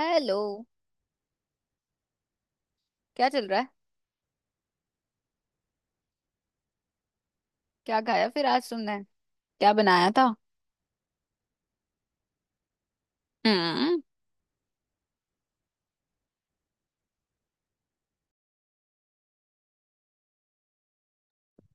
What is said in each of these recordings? Hello. क्या चल रहा है? क्या खाया फिर आज तुमने? क्या बनाया था? हम्म।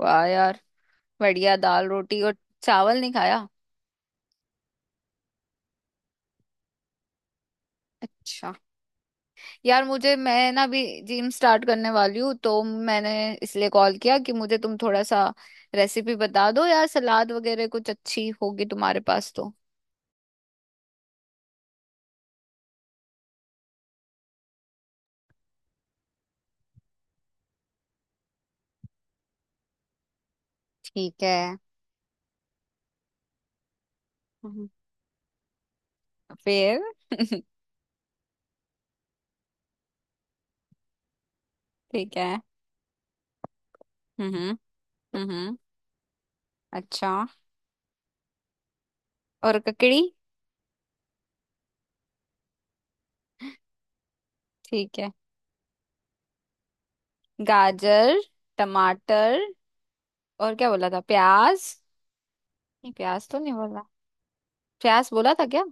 वाह यार, बढ़िया। दाल रोटी और चावल नहीं खाया? अच्छा। यार मुझे, मैं ना अभी जिम स्टार्ट करने वाली हूँ तो मैंने इसलिए कॉल किया कि मुझे तुम थोड़ा सा रेसिपी बता दो यार। सलाद वगैरह कुछ अच्छी होगी तुम्हारे पास तो? ठीक है। हम्म, फिर ठीक है। हम्म। हम्म। अच्छा। और ककड़ी? ठीक है। गाजर, टमाटर, और क्या बोला था? प्याज? नहीं, प्याज तो नहीं बोला। प्याज बोला था क्या?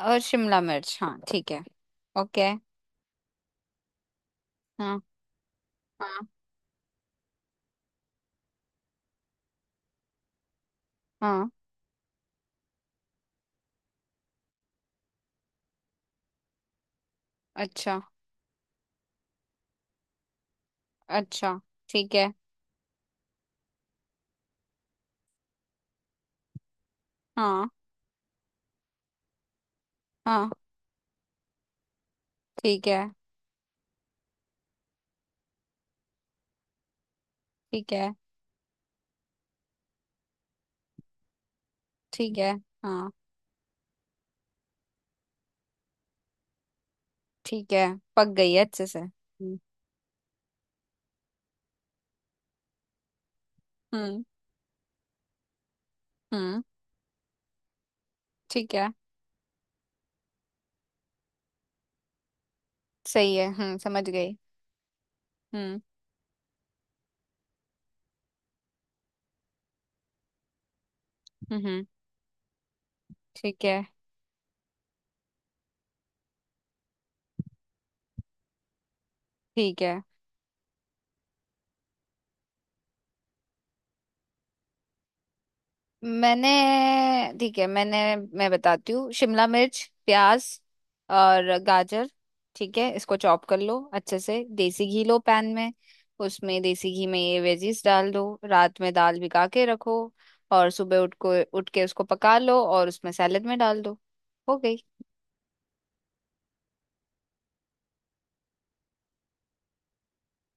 और शिमला मिर्च? हाँ ठीक है। ओके। हाँ हाँ हाँ। अच्छा अच्छा। ठीक है। हाँ हाँ। ठीक है। ठीक है। ठीक है। हाँ। ठीक है। पक गई है अच्छे से? हम्म। हम्म। हम्म, ठीक है। सही है, हम्म, समझ गई। हम्म। हम्म। हम्म। ठीक है। ठीक है मैंने ठीक है। मैं बताती हूँ। शिमला मिर्च, प्याज, और गाजर। ठीक है, इसको चॉप कर लो अच्छे से। देसी घी लो पैन में। उसमें देसी घी में ये वेजीज डाल दो। रात में दाल भिगा के रखो, और सुबह उठ के उसको पका लो और उसमें सैलेड में डाल दो। हो गई।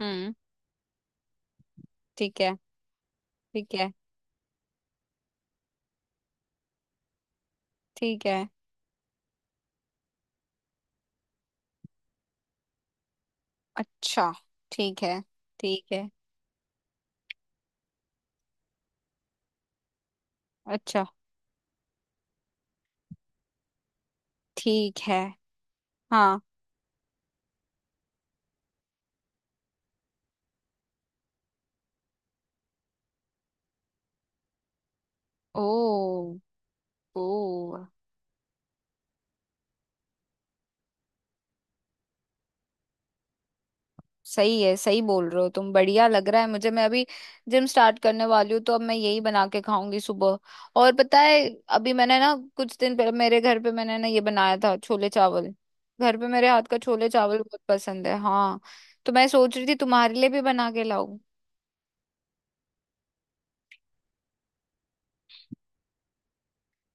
हम्म। ठीक है। ठीक है। ठीक है। अच्छा। ठीक है। ठीक है। अच्छा। ठीक है। हाँ। ओ। ओ। सही है, सही बोल रहे हो तुम, बढ़िया लग रहा है मुझे। मैं अभी जिम स्टार्ट करने वाली हूँ तो अब मैं यही बना के खाऊंगी सुबह। और पता है, अभी मैंने ना कुछ दिन पहले मेरे घर पे मैंने ना ये बनाया था छोले चावल। घर पे मेरे हाथ का छोले चावल बहुत पसंद है, हाँ। तो मैं सोच रही थी तुम्हारे लिए भी बना के लाऊं।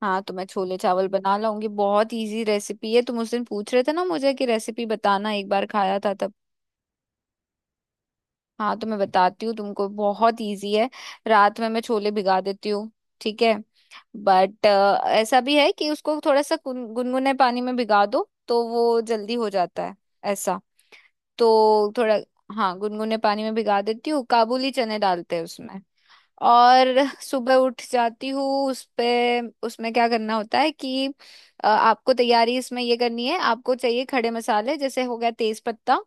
हाँ, तो मैं छोले चावल बना लाऊंगी, बहुत इजी रेसिपी है। तुम उस दिन पूछ रहे थे ना मुझे कि रेसिपी बताना, एक बार खाया था। हाँ तो मैं बताती हूँ तुमको, बहुत इजी है। रात में मैं छोले भिगा देती हूँ। ठीक है। बट ऐसा भी है कि उसको थोड़ा सा गुनगुने पानी में भिगा दो तो वो जल्दी हो जाता है। ऐसा। तो थोड़ा, हाँ, गुनगुने पानी में भिगा देती हूँ। काबुली चने डालते हैं उसमें। और सुबह उठ जाती हूँ। उस पे उसमें क्या करना होता है कि आपको तैयारी इसमें ये करनी है। आपको चाहिए खड़े मसाले, जैसे हो गया तेज पत्ता,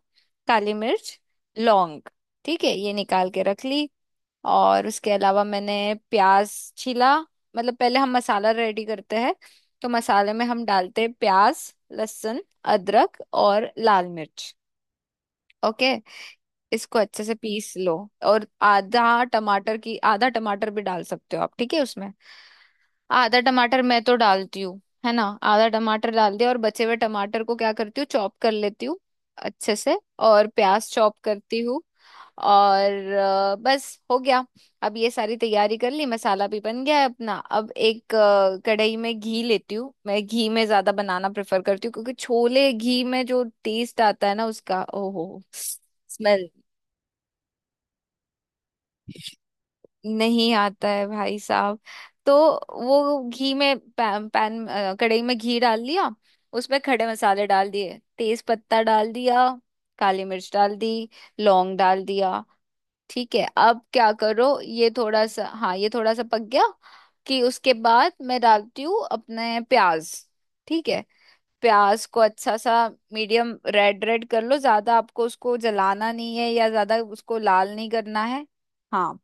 काली मिर्च, लौंग। ठीक है, ये निकाल के रख ली। और उसके अलावा मैंने प्याज छीला। मतलब पहले हम मसाला रेडी करते हैं, तो मसाले में हम डालते हैं प्याज, लहसुन, अदरक, और लाल मिर्च। ओके। इसको अच्छे से पीस लो। और आधा टमाटर की आधा टमाटर भी डाल सकते हो आप, ठीक है, उसमें। आधा टमाटर मैं तो डालती हूँ, है ना। आधा टमाटर डाल दिया, और बचे हुए टमाटर को क्या करती हूँ, चॉप कर लेती हूँ अच्छे से। और प्याज चॉप करती हूँ। और बस हो गया। अब ये सारी तैयारी कर ली, मसाला भी बन गया है अपना। अब एक कढ़ाई में घी लेती हूँ। मैं घी में ज्यादा बनाना प्रेफर करती हूँ क्योंकि छोले घी में जो टेस्ट आता है ना उसका, ओहो, स्मेल। नहीं आता है भाई साहब। तो वो घी में पैन कढ़ाई में घी डाल दिया। उसमें खड़े मसाले डाल दिए, तेज पत्ता डाल दिया, काली मिर्च डाल दी, लौंग डाल दिया। ठीक है, अब क्या करो, ये थोड़ा सा, हाँ, ये थोड़ा सा पक गया। कि उसके बाद मैं डालती हूँ अपने प्याज। ठीक है। प्याज को अच्छा सा मीडियम रेड रेड कर लो। ज्यादा आपको उसको जलाना नहीं है, या ज्यादा उसको लाल नहीं करना है। हाँ।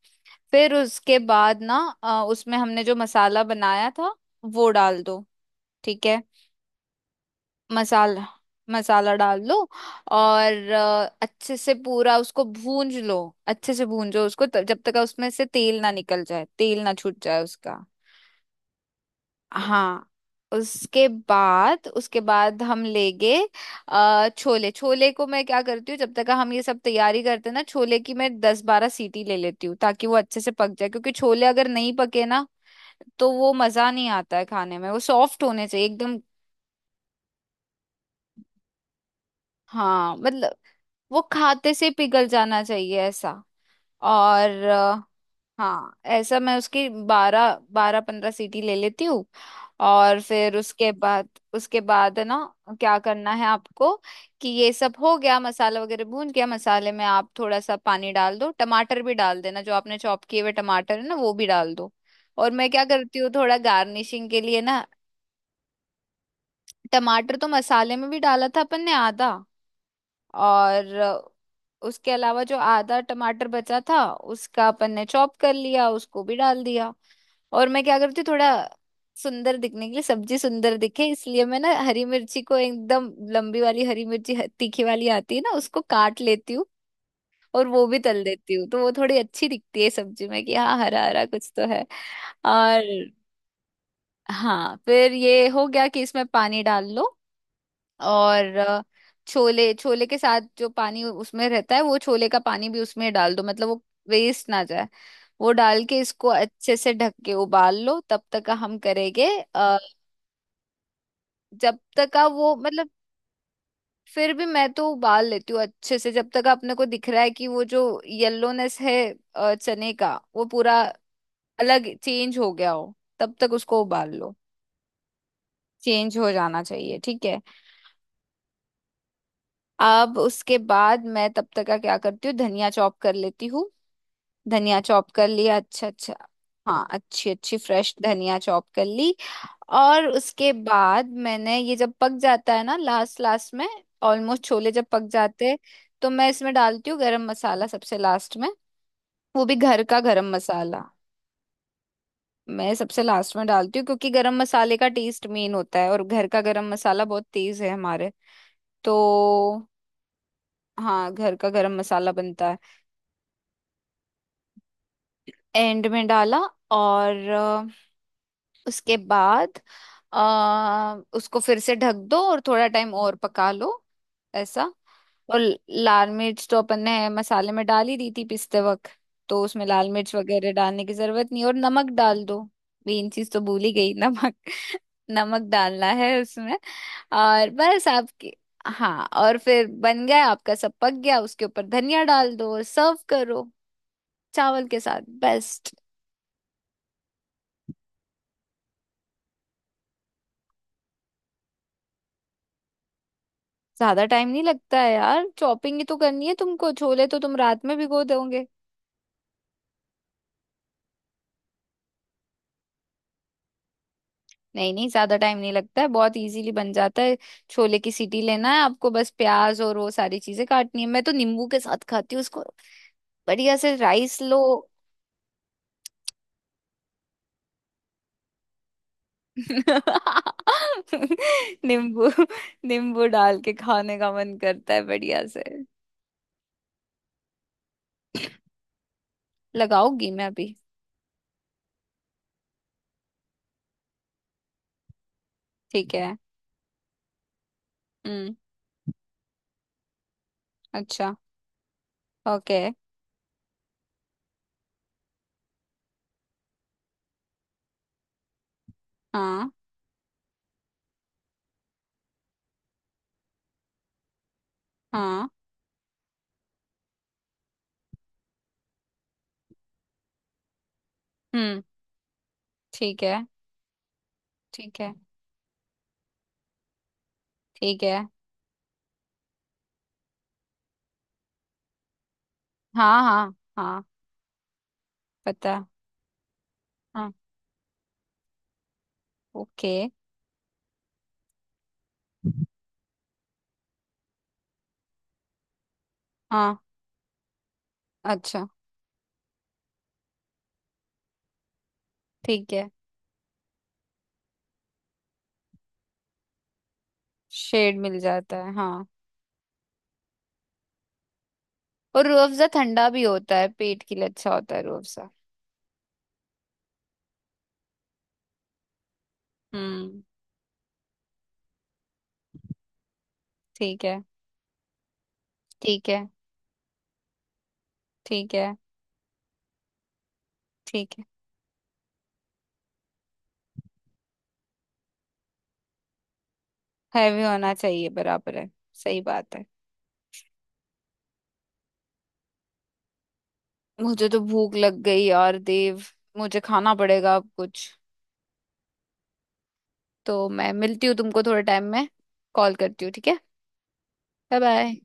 फिर उसके बाद ना उसमें हमने जो मसाला बनाया था, वो डाल दो। ठीक है। मसाला, मसाला डाल लो। और अच्छे से पूरा उसको भूंज लो। अच्छे से भूंजो उसको जब तक उसमें से तेल ना निकल जाए, तेल ना छूट जाए उसका। हाँ। उसके बाद हम लेंगे छोले। छोले को मैं क्या करती हूँ, जब तक हम ये सब तैयारी करते हैं ना, छोले की मैं दस बारह सीटी ले लेती हूँ, ताकि वो अच्छे से पक जाए, क्योंकि छोले अगर नहीं पके ना तो वो मजा नहीं आता है खाने में। वो सॉफ्ट होने चाहिए एकदम। हाँ मतलब वो खाते से पिघल जाना चाहिए, ऐसा। और हाँ ऐसा मैं उसकी बारह बारह पंद्रह सीटी ले लेती हूँ। और फिर उसके बाद है ना, क्या करना है आपको कि ये सब हो गया, मसाला वगैरह भून गया, मसाले में आप थोड़ा सा पानी डाल दो। टमाटर भी डाल देना, जो आपने चॉप किए हुए टमाटर है ना, वो भी डाल दो। और मैं क्या करती हूँ थोड़ा गार्निशिंग के लिए ना। टमाटर तो मसाले में भी डाला था अपन ने आधा, और उसके अलावा जो आधा टमाटर बचा था उसका अपन ने चॉप कर लिया, उसको भी डाल दिया। और मैं क्या करती हूँ थोड़ा सुंदर दिखने के लिए, सब्जी सुंदर दिखे इसलिए, मैं ना हरी मिर्ची को, एकदम लंबी वाली हरी मिर्ची तीखी वाली आती है ना, उसको काट लेती हूँ और वो भी तल देती हूँ। तो वो थोड़ी अच्छी दिखती है सब्जी में कि हाँ हरा हरा कुछ तो है। और हाँ फिर ये हो गया कि इसमें पानी डाल लो। और छोले, छोले के साथ जो पानी उसमें रहता है, वो छोले का पानी भी उसमें डाल दो, मतलब वो वेस्ट ना जाए। वो डाल के इसको अच्छे से ढक के उबाल लो। तब तक का हम करेंगे अ, जब तक का वो मतलब, फिर भी मैं तो उबाल लेती हूँ अच्छे से, जब तक अपने को दिख रहा है कि वो जो येलोनेस है चने का, वो पूरा अलग चेंज हो गया हो, तब तक उसको उबाल लो। चेंज हो जाना चाहिए, ठीक है। अब उसके बाद मैं तब तक का क्या करती हूँ, धनिया चॉप कर लेती हूँ। धनिया चॉप कर लिया अच्छा अच्छा। हाँ अच्छी अच्छी फ्रेश धनिया चॉप कर ली। और उसके बाद मैंने ये जब पक जाता है ना लास्ट लास्ट में, ऑलमोस्ट छोले जब पक जाते हैं, तो मैं इसमें डालती हूँ गरम मसाला सबसे लास्ट में। वो भी घर का गरम मसाला। मैं सबसे लास्ट में डालती हूँ क्योंकि गरम मसाले का टेस्ट मेन होता है, और घर का गरम मसाला बहुत तेज है हमारे। तो हाँ, घर का गरम मसाला बनता है। एंड में डाला। और उसके बाद उसको फिर से ढक दो और थोड़ा टाइम और पका लो, ऐसा। और लाल मिर्च तो अपन ने मसाले में डाल ही दी थी पिसते वक्त, तो उसमें लाल मिर्च वगैरह डालने की जरूरत नहीं। और नमक डाल दो। मेन चीज तो भूल ही गई, नमक। नमक डालना है उसमें। और बस आपकी, हाँ, और फिर बन गया आपका, सब पक गया, उसके ऊपर धनिया डाल दो और सर्व करो चावल के साथ। बेस्ट। ज्यादा टाइम नहीं लगता है यार, चॉपिंग ही तो करनी है तुमको। छोले तो तुम रात में भिगो दोगे। नहीं नहीं, ज्यादा टाइम नहीं लगता है, बहुत इजीली बन जाता है। छोले की सीटी लेना है आपको बस, प्याज और वो सारी चीजें काटनी है। मैं तो नींबू के साथ खाती हूँ उसको, बढ़िया से राइस लो। नींबू, नींबू डाल के खाने का मन करता है बढ़िया से। लगाऊंगी मैं अभी। ठीक है। हम्म। अच्छा। ओके। हाँ हाँ। हम्म। ठीक है। ठीक है। ठीक है। हाँ हाँ हाँ, पता है। हाँ। ओके। हाँ। अच्छा। ठीक है। शेड मिल जाता है, हाँ। और रूह अफ़ज़ा ठंडा भी होता है, पेट के लिए अच्छा होता है रूह अफ़ज़ा। हम्म। ठीक है। ठीक है। ठीक है। ठीक है। हैवी होना चाहिए, बराबर है। सही बात है। मुझे तो भूख लग गई यार देव। मुझे खाना पड़ेगा अब कुछ। तो मैं मिलती हूँ तुमको थोड़े टाइम में, कॉल करती हूँ, ठीक है। Bye bye.